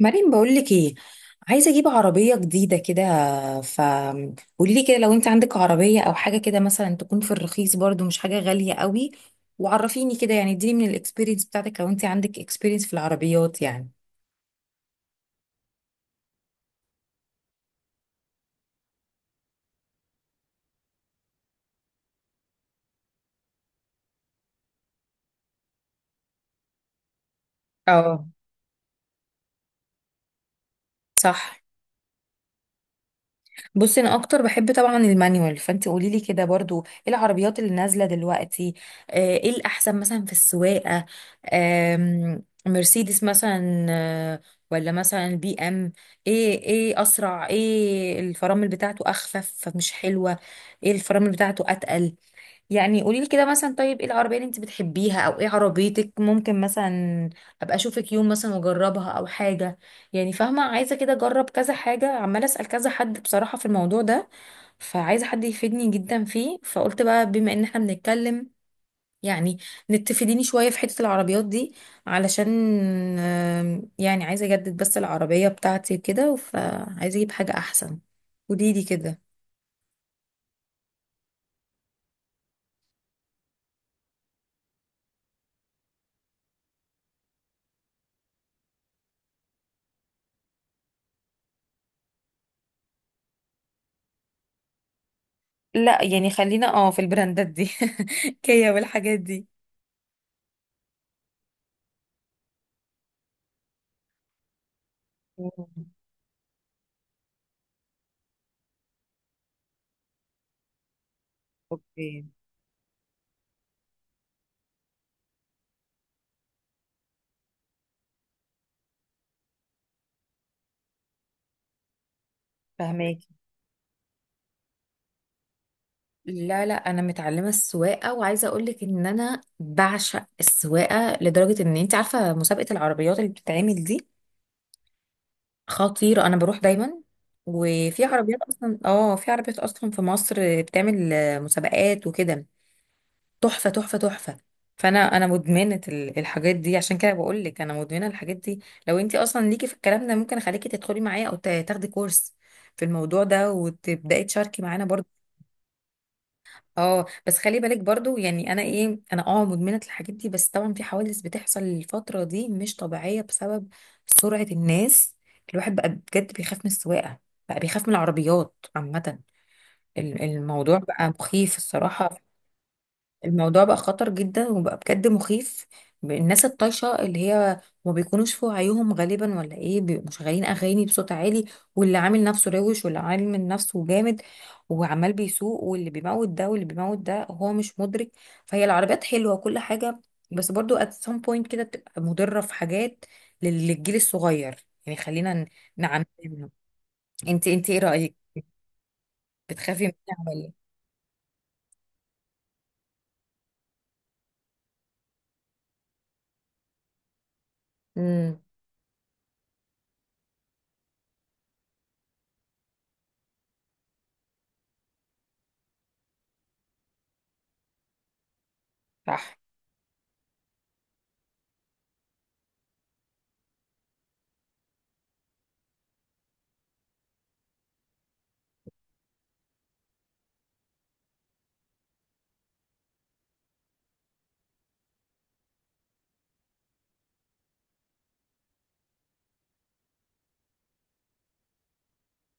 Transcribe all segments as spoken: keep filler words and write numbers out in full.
مريم، بقولك ايه. عايزه اجيب عربيه جديده كده. ف قولي لي كده لو انت عندك عربيه او حاجه كده مثلا تكون في الرخيص برضو، مش حاجه غاليه قوي. وعرفيني كده، يعني اديني من الاكسبيرينس بتاعتك لو انت عندك اكسبيرينس في العربيات يعني. اه، صح. بصي انا اكتر بحب طبعا المانيوال، فانت قولي لي كده برضو ايه العربيات اللي نازله دلوقتي. آه، ايه الاحسن مثلا في السواقه؟ آم، مرسيدس مثلا، آه، ولا مثلا بي ام؟ ايه ايه اسرع؟ ايه الفرامل بتاعته اخفف فمش حلوه؟ ايه الفرامل بتاعته اتقل؟ يعني قولي لي كده مثلا. طيب ايه العربية اللي انت بتحبيها او ايه عربيتك، ممكن مثلا ابقى اشوفك يوم مثلا واجربها او حاجة؟ يعني فاهمة، عايزة كده اجرب كذا حاجة، عمالة اسأل كذا حد بصراحة في الموضوع ده. فعايزة حد يفيدني جدا فيه، فقلت بقى بما ان احنا بنتكلم يعني نتفيديني شوية في حتة العربيات دي، علشان آم، يعني عايزة اجدد بس العربية بتاعتي كده، فعايزة اجيب حاجة احسن. قولي لي كده. لا يعني خلينا اه في البراندات دي. كيا والحاجات دي. مم. اوكي. فهماكي. لا لا، انا متعلمه السواقه، وعايزه اقول لك ان انا بعشق السواقه لدرجه ان انت عارفه مسابقه العربيات اللي بتتعمل دي، خطيره. انا بروح دايما. وفي عربيات اصلا، اه في عربيات اصلا في مصر بتعمل آه، مسابقات وكده، تحفه تحفه تحفه. فانا انا مدمنه ال- الحاجات دي، عشان كده بقول لك انا مدمنه الحاجات دي. لو انت اصلا ليكي في الكلام ده، ممكن اخليكي تدخلي معايا او تا- تاخدي كورس في الموضوع ده وتبداي تشاركي معانا برضه. اه بس خلي بالك برضو. يعني انا ايه، انا اه مدمنه الحاجات دي، بس طبعا في حوادث بتحصل الفتره دي مش طبيعيه بسبب سرعه الناس. الواحد بقى بجد بيخاف من السواقه، بقى بيخاف من العربيات عامه. ال- الموضوع بقى مخيف الصراحه. الموضوع بقى خطر جدا، وبقى بجد مخيف. الناس الطايشه اللي هي ما بيكونوش في وعيهم غالبا ولا ايه، بيبقوا مشغلين اغاني بصوت عالي، واللي عامل نفسه روش، واللي عامل نفسه جامد، وعمال بيسوق، واللي بيموت ده واللي بيموت ده هو مش مدرك. فهي العربيات حلوه وكل حاجه، بس برضو at some point كده بتبقى مضره في حاجات لل- للجيل الصغير، يعني خلينا. نعم. انت انت ايه رايك، بتخافي منها ولا؟ امم. صح.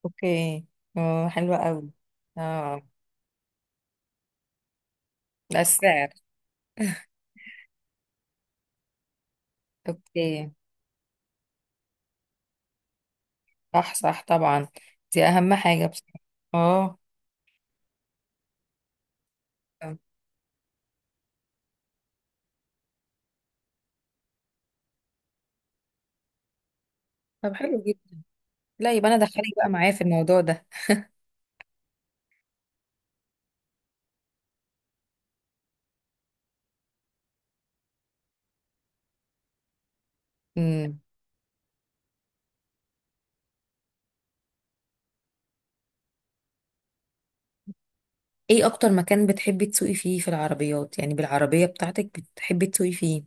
اوكي. اه، حلوة قوي. اه. ده السعر. اوكي. صح، صح طبعا. دي اهم حاجة بصراحة. اه. طب حلو جدا. لا يبقى انا دخلك بقى معايا في الموضوع ده. امم. ايه اكتر مكان بتحبي تسوقي فيه في العربيات، يعني بالعربية بتاعتك بتحبي تسوقي فيه؟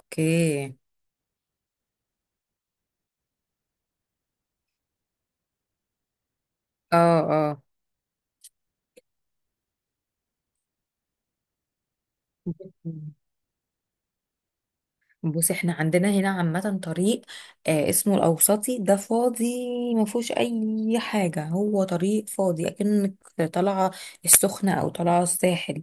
اوكي. اه. اه. بص احنا عندنا هنا عامة طريق آه اسمه الأوسطي ده، فاضي. ما فيهوش أي حاجة، هو طريق فاضي أكنك طالعة السخنة أو طالعة الساحل.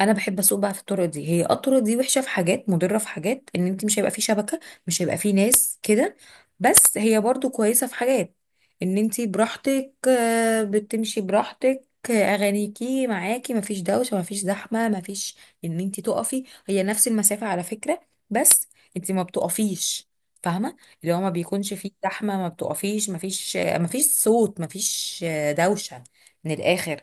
أنا بحب أسوق بقى في الطرق دي. هي آه الطرق دي وحشة في حاجات، مضرة في حاجات، إن أنت مش هيبقى فيه شبكة، مش هيبقى فيه ناس كده. بس هي برضو كويسة في حاجات، إن أنت براحتك آه بتمشي براحتك، آه، اغانيكي معاكي، مفيش دوشه، مفيش زحمه، مفيش ان انت تقفي. هي نفس المسافه على فكره، بس انت ما بتقفيش، فاهمه؟ اللي هو ما بيكونش فيه زحمه، ما بتقفيش، ما فيش، ما فيش صوت، ما فيش دوشه، من الاخر.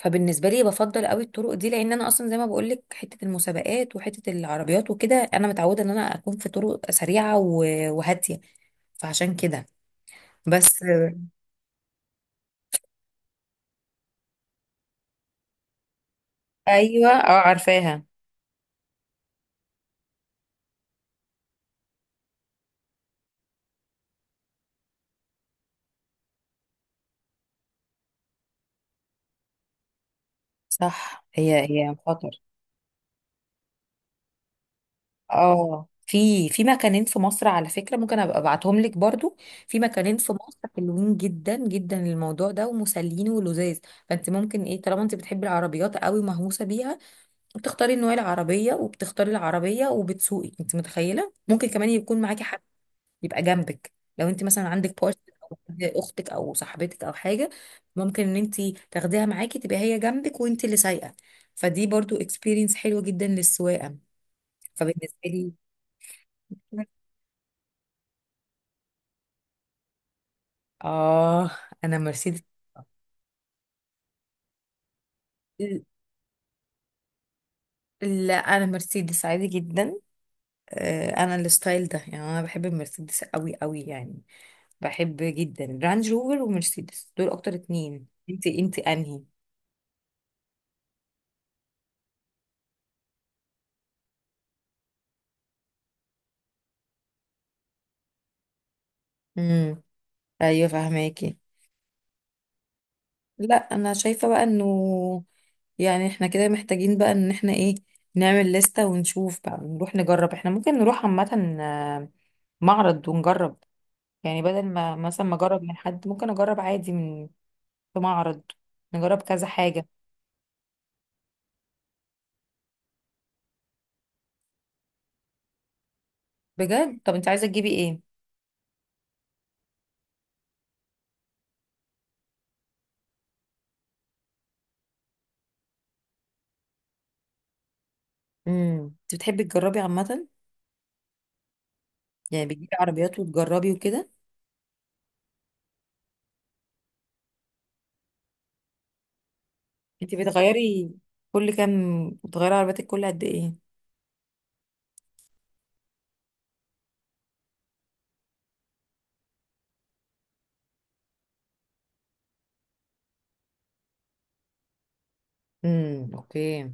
فبالنسبه لي بفضل قوي الطرق دي، لان انا اصلا زي ما بقول لك حته المسابقات وحته العربيات وكده، انا متعوده ان انا اكون في طرق سريعه و- وهاديه. فعشان كده. بس. ايوه اه، عارفاها. صح. هي هي خطر. اه في في مكانين في مصر على فكرة، ممكن ابقى ابعتهم لك برضو. في مكانين في مصر حلوين جدا جدا للموضوع ده، ومسلين ولذاذ. فانت ممكن ايه، طالما انت بتحبي العربيات قوي ومهووسة بيها، بتختاري النوع العربية وبتختاري العربية وبتسوقي، انت متخيلة ممكن كمان يكون معاكي حد يبقى جنبك، لو انت مثلا عندك بارتنر او حد- اختك او صاحبتك او حاجة، ممكن ان انت تاخديها معاكي، تبقى هي جنبك وانت اللي سايقة. فدي برضو اكسبيرينس حلوة جدا للسواقة، فبالنسبة لي. اه. انا مرسيدس. لا، انا مرسيدس عادي جدا. آه، انا الستايل ده يعني، انا بحب المرسيدس قوي قوي يعني. بحب جدا رانج روفر ومرسيدس، دول اكتر اتنين. انت انت انهي؟ امم. ايوه فهماكي. لا انا شايفه بقى انه يعني احنا كده محتاجين بقى ان احنا ايه، نعمل لستة ونشوف بقى، نروح نجرب. احنا ممكن نروح عامه آه، معرض ونجرب، يعني بدل ما مثلا ما اجرب من حد، ممكن اجرب عادي من في معرض، نجرب كذا حاجة. بجد؟ طب انت عايزة تجيبي ايه؟ امم. انت بتحبي تجربي عامة، يعني بتجيبي عربيات وتجربي وكده. انت بتغيري كل كام بتغيري عربيتك، كل قد ايه؟ امم. اوكي.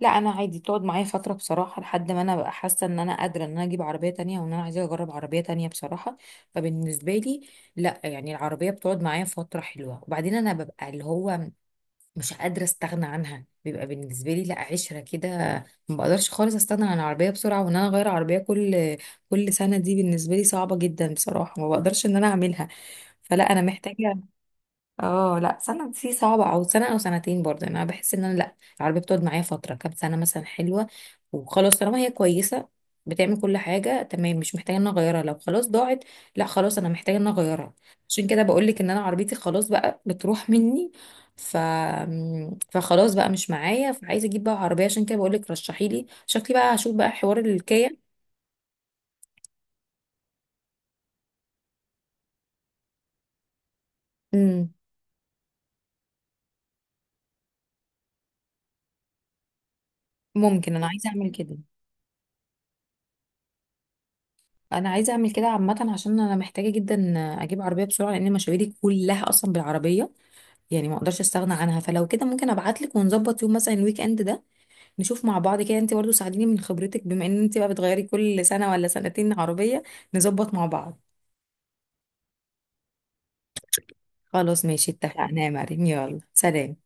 لا انا عادي، بتقعد معايا فترة بصراحة، لحد ما انا بقى حاسة ان انا قادرة ان انا اجيب عربية تانية، وان انا عايزة اجرب عربية تانية بصراحة. فبالنسبة لي لا، يعني العربية بتقعد معايا فترة حلوة، وبعدين انا ببقى اللي هو مش قادرة استغنى عنها، بيبقى بالنسبة لي لا عشرة كده، ما بقدرش خالص استغنى عن العربية بسرعة. وان انا اغير عربية كل كل سنة، دي بالنسبة لي صعبة جدا بصراحة، ما بقدرش ان انا اعملها. فلا انا محتاجة. اه لا، سنة دي صعبة، او سنة او سنتين برضه. يعني انا بحس ان انا لا، العربية بتقعد معايا فترة كام سنة مثلا حلوة، وخلاص طالما هي كويسة، بتعمل كل حاجة تمام، مش محتاجة ان انا اغيرها. لو خلاص ضاعت، لا خلاص انا محتاجة ان انا اغيرها. عشان كده بقولك ان انا عربيتي خلاص بقى بتروح مني، ف فخلاص بقى مش معايا، فعايزة اجيب بقى عربية. عشان كده بقولك رشحيلي، شكلي بقى هشوف بقى حوار الكيا. امم. ممكن، انا عايزة اعمل كده. انا عايزه اعمل كده عامه، عشان انا محتاجه جدا اجيب عربيه بسرعه لان مشاويري كلها اصلا بالعربيه، يعني ما اقدرش استغنى عنها. فلو كده ممكن ابعت لك ونظبط يوم مثلا الويك اند ده، نشوف مع بعض كده. انت برضو ساعديني من خبرتك، بما ان انت بقى بتغيري كل سنه ولا سنتين عربيه، نظبط مع بعض. خلاص ماشي، اتفقنا يا مريم، يلا سلام.